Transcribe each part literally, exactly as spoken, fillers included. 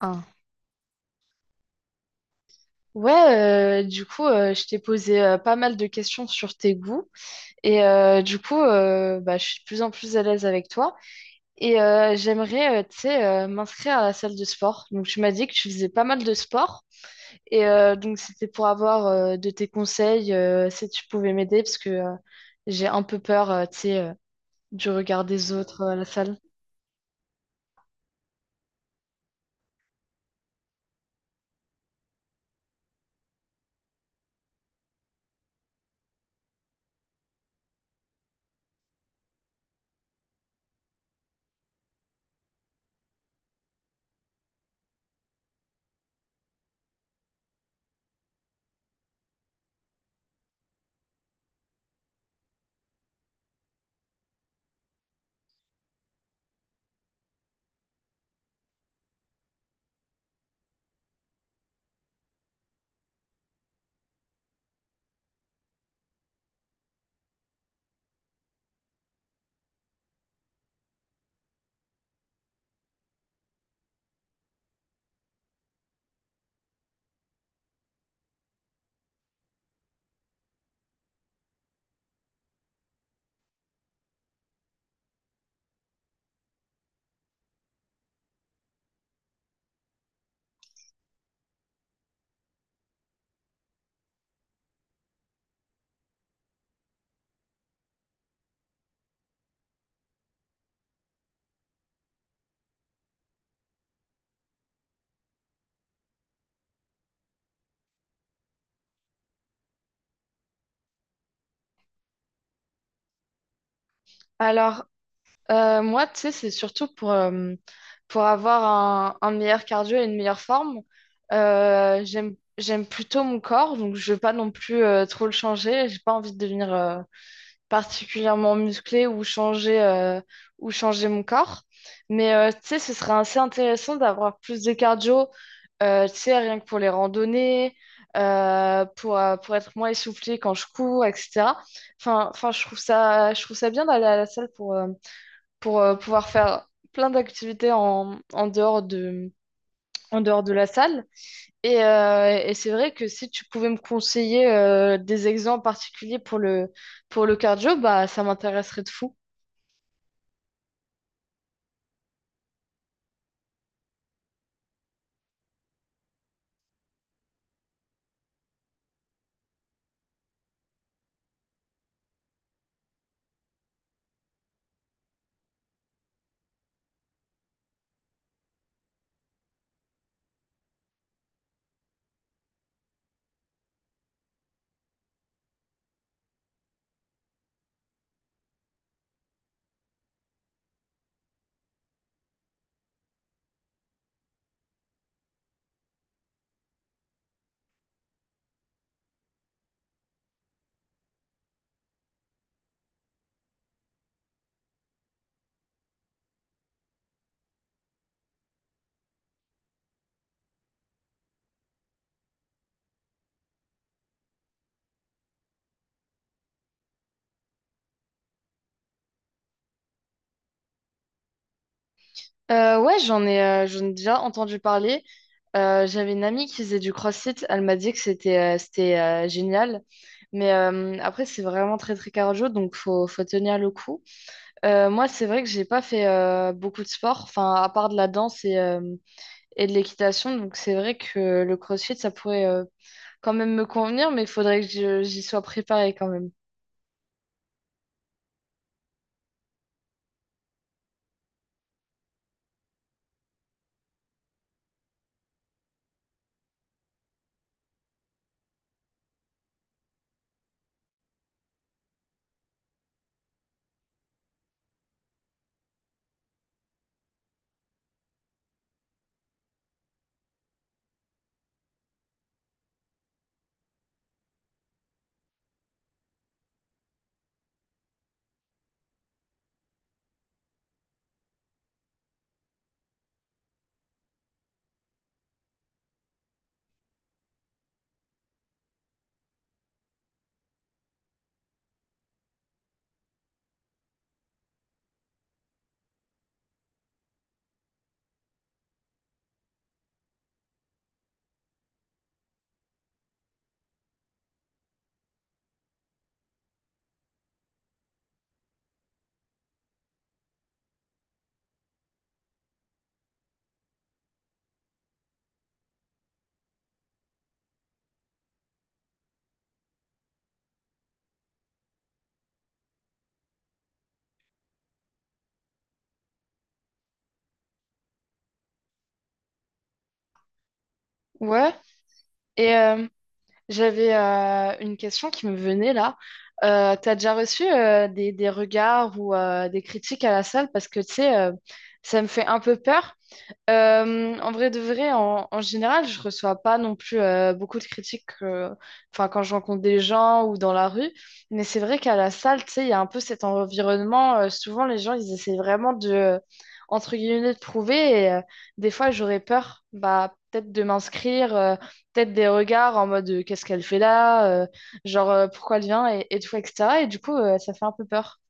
Ah. Ouais, euh, du coup, euh, je t'ai posé euh, pas mal de questions sur tes goûts et euh, du coup, euh, bah, je suis de plus en plus à l'aise avec toi et euh, j'aimerais, euh, tu sais, euh, m'inscrire à la salle de sport. Donc, tu m'as dit que tu faisais pas mal de sport et euh, donc c'était pour avoir euh, de tes conseils euh, si tu pouvais m'aider parce que euh, j'ai un peu peur, euh, tu sais, euh, du regard des autres euh, à la salle. Alors, Euh, moi, tu sais, c'est surtout pour, euh, pour avoir un, un meilleur cardio et une meilleure forme. Euh, j'aime, j'aime plutôt mon corps, donc je veux pas non plus euh, trop le changer. J'ai pas envie de devenir euh, particulièrement musclée ou changer, euh, ou changer mon corps. Mais euh, tu sais, ce serait assez intéressant d'avoir plus de cardio, euh, tu sais, rien que pour les randonnées, euh, pour, euh, pour être moins essoufflée quand je cours, et cetera. Enfin, enfin, je trouve ça, je trouve ça bien d'aller à la salle pour... euh, pour euh, pouvoir faire plein d'activités en, en dehors de, en dehors de la salle. Et, euh, et c'est vrai que si tu pouvais me conseiller euh, des exemples particuliers pour le, pour le cardio, bah, ça m'intéresserait de fou. Euh, ouais, j'en ai, euh, j'en ai déjà entendu parler. Euh, j'avais une amie qui faisait du CrossFit. Elle m'a dit que c'était euh, c'était euh, génial. Mais euh, après, c'est vraiment très très cardio, donc faut, faut tenir le coup. Euh, moi, c'est vrai que j'ai pas fait euh, beaucoup de sport, enfin, à part de la danse et, euh, et de l'équitation. Donc c'est vrai que le CrossFit, ça pourrait euh, quand même me convenir, mais il faudrait que je- j'y sois préparée quand même. Ouais. Et euh, j'avais euh, une question qui me venait là. Euh, t'as déjà reçu euh, des, des regards ou euh, des critiques à la salle parce que tu sais, euh, ça me fait un peu peur. Euh, en vrai de vrai, en, en général, je reçois pas non plus euh, beaucoup de critiques euh, enfin, quand je rencontre des gens ou dans la rue. Mais c'est vrai qu'à la salle, tu sais, il y a un peu cet environnement. Euh, souvent, les gens, ils essaient vraiment de, euh, entre guillemets, de prouver. Et euh, des fois, j'aurais peur, bah, peut-être de m'inscrire, euh, peut-être des regards en mode euh, qu'est-ce qu'elle fait là, Euh, genre euh, pourquoi elle vient et, et tout, et cetera. Et du coup, euh, ça fait un peu peur.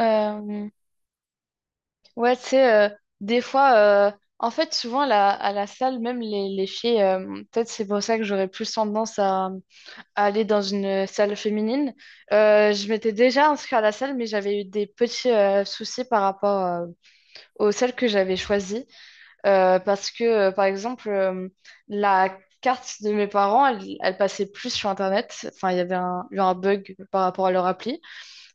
Euh, Ouais, tu sais, euh, des fois, euh, en fait, souvent la- à la salle, même les, les filles, euh, peut-être c'est pour ça que j'aurais plus tendance à, à aller dans une salle féminine. Euh, je m'étais déjà inscrite à la salle, mais j'avais eu des petits euh, soucis par rapport euh, aux salles que j'avais choisies. Euh, parce que, euh, par exemple, euh, la carte de mes parents, elle, elle passait plus sur Internet. Enfin, il y avait un- eu un bug par rapport à leur appli.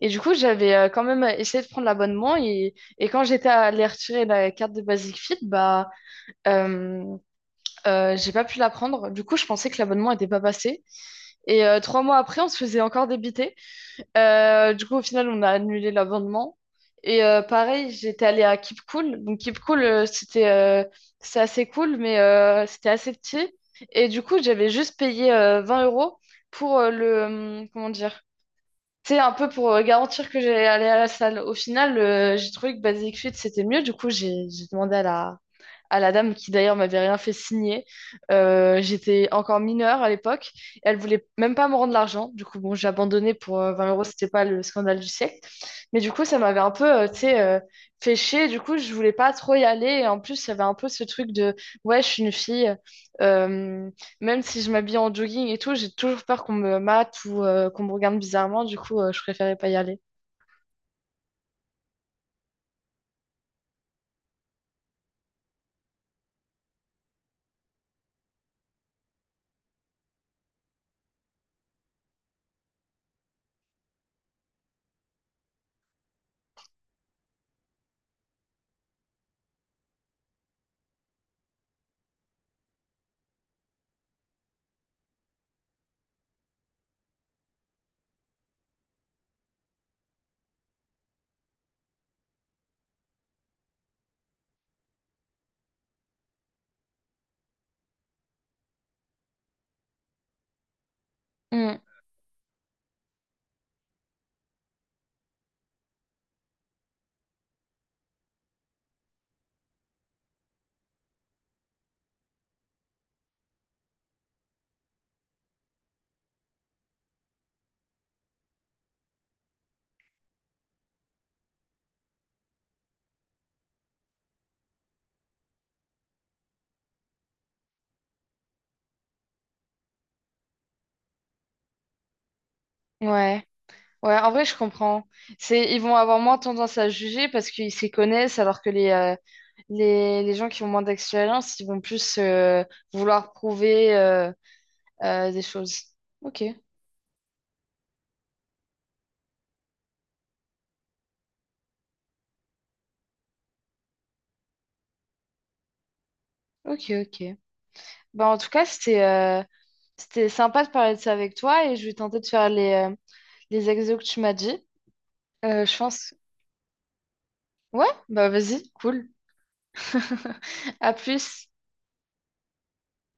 Et du coup, j'avais euh, quand même essayé de prendre l'abonnement et, et quand j'étais allée retirer la carte de Basic Fit, bah, euh, euh, j'ai pas pu la prendre. Du coup, je pensais que l'abonnement était pas passé. Et euh, trois mois après, on se faisait encore débiter. Euh, du coup, au final, on a annulé l'abonnement. Et euh, pareil, j'étais allée à Keep Cool. Donc, Keep Cool, euh, c'était euh, c'est assez cool, mais euh, c'était assez petit. Et du coup, j'avais juste payé euh, vingt euros pour euh, le, hum, comment dire, c'est un peu pour euh, garantir que j'allais aller à la salle. Au final, euh, j'ai trouvé que Basic Fit, c'était mieux. Du coup, j'ai j'ai demandé à la, à la dame qui d'ailleurs m'avait rien fait signer. Euh, j'étais encore mineure à l'époque. Elle voulait même pas me rendre l'argent. Du coup, bon, j'ai abandonné pour euh, vingt euros. C'était pas le scandale du siècle. Mais du coup, ça m'avait un peu, euh, tu sais, euh, fait chier. Du coup, je voulais pas trop y aller. Et en plus, il y avait un peu ce truc de, ouais, je suis une fille. Euh, même si je m'habille en jogging et tout, j'ai toujours peur qu'on me mate ou euh, qu'on me regarde bizarrement. Du coup, euh, je préférais pas y aller. Mm. Ouais. Ouais, en vrai, je comprends. C'est, ils vont avoir moins tendance à juger parce qu'ils s'y connaissent, alors que les, euh, les, les gens qui ont moins d'expérience, ils vont plus euh, vouloir prouver euh, euh, des choses. Ok, ok, ok. Bah, en tout cas, c'était euh, c'était sympa de parler de ça avec toi et je vais tenter de faire les, euh, les exos que tu m'as dit. Euh, je pense. Ouais, bah vas-y, cool. À plus.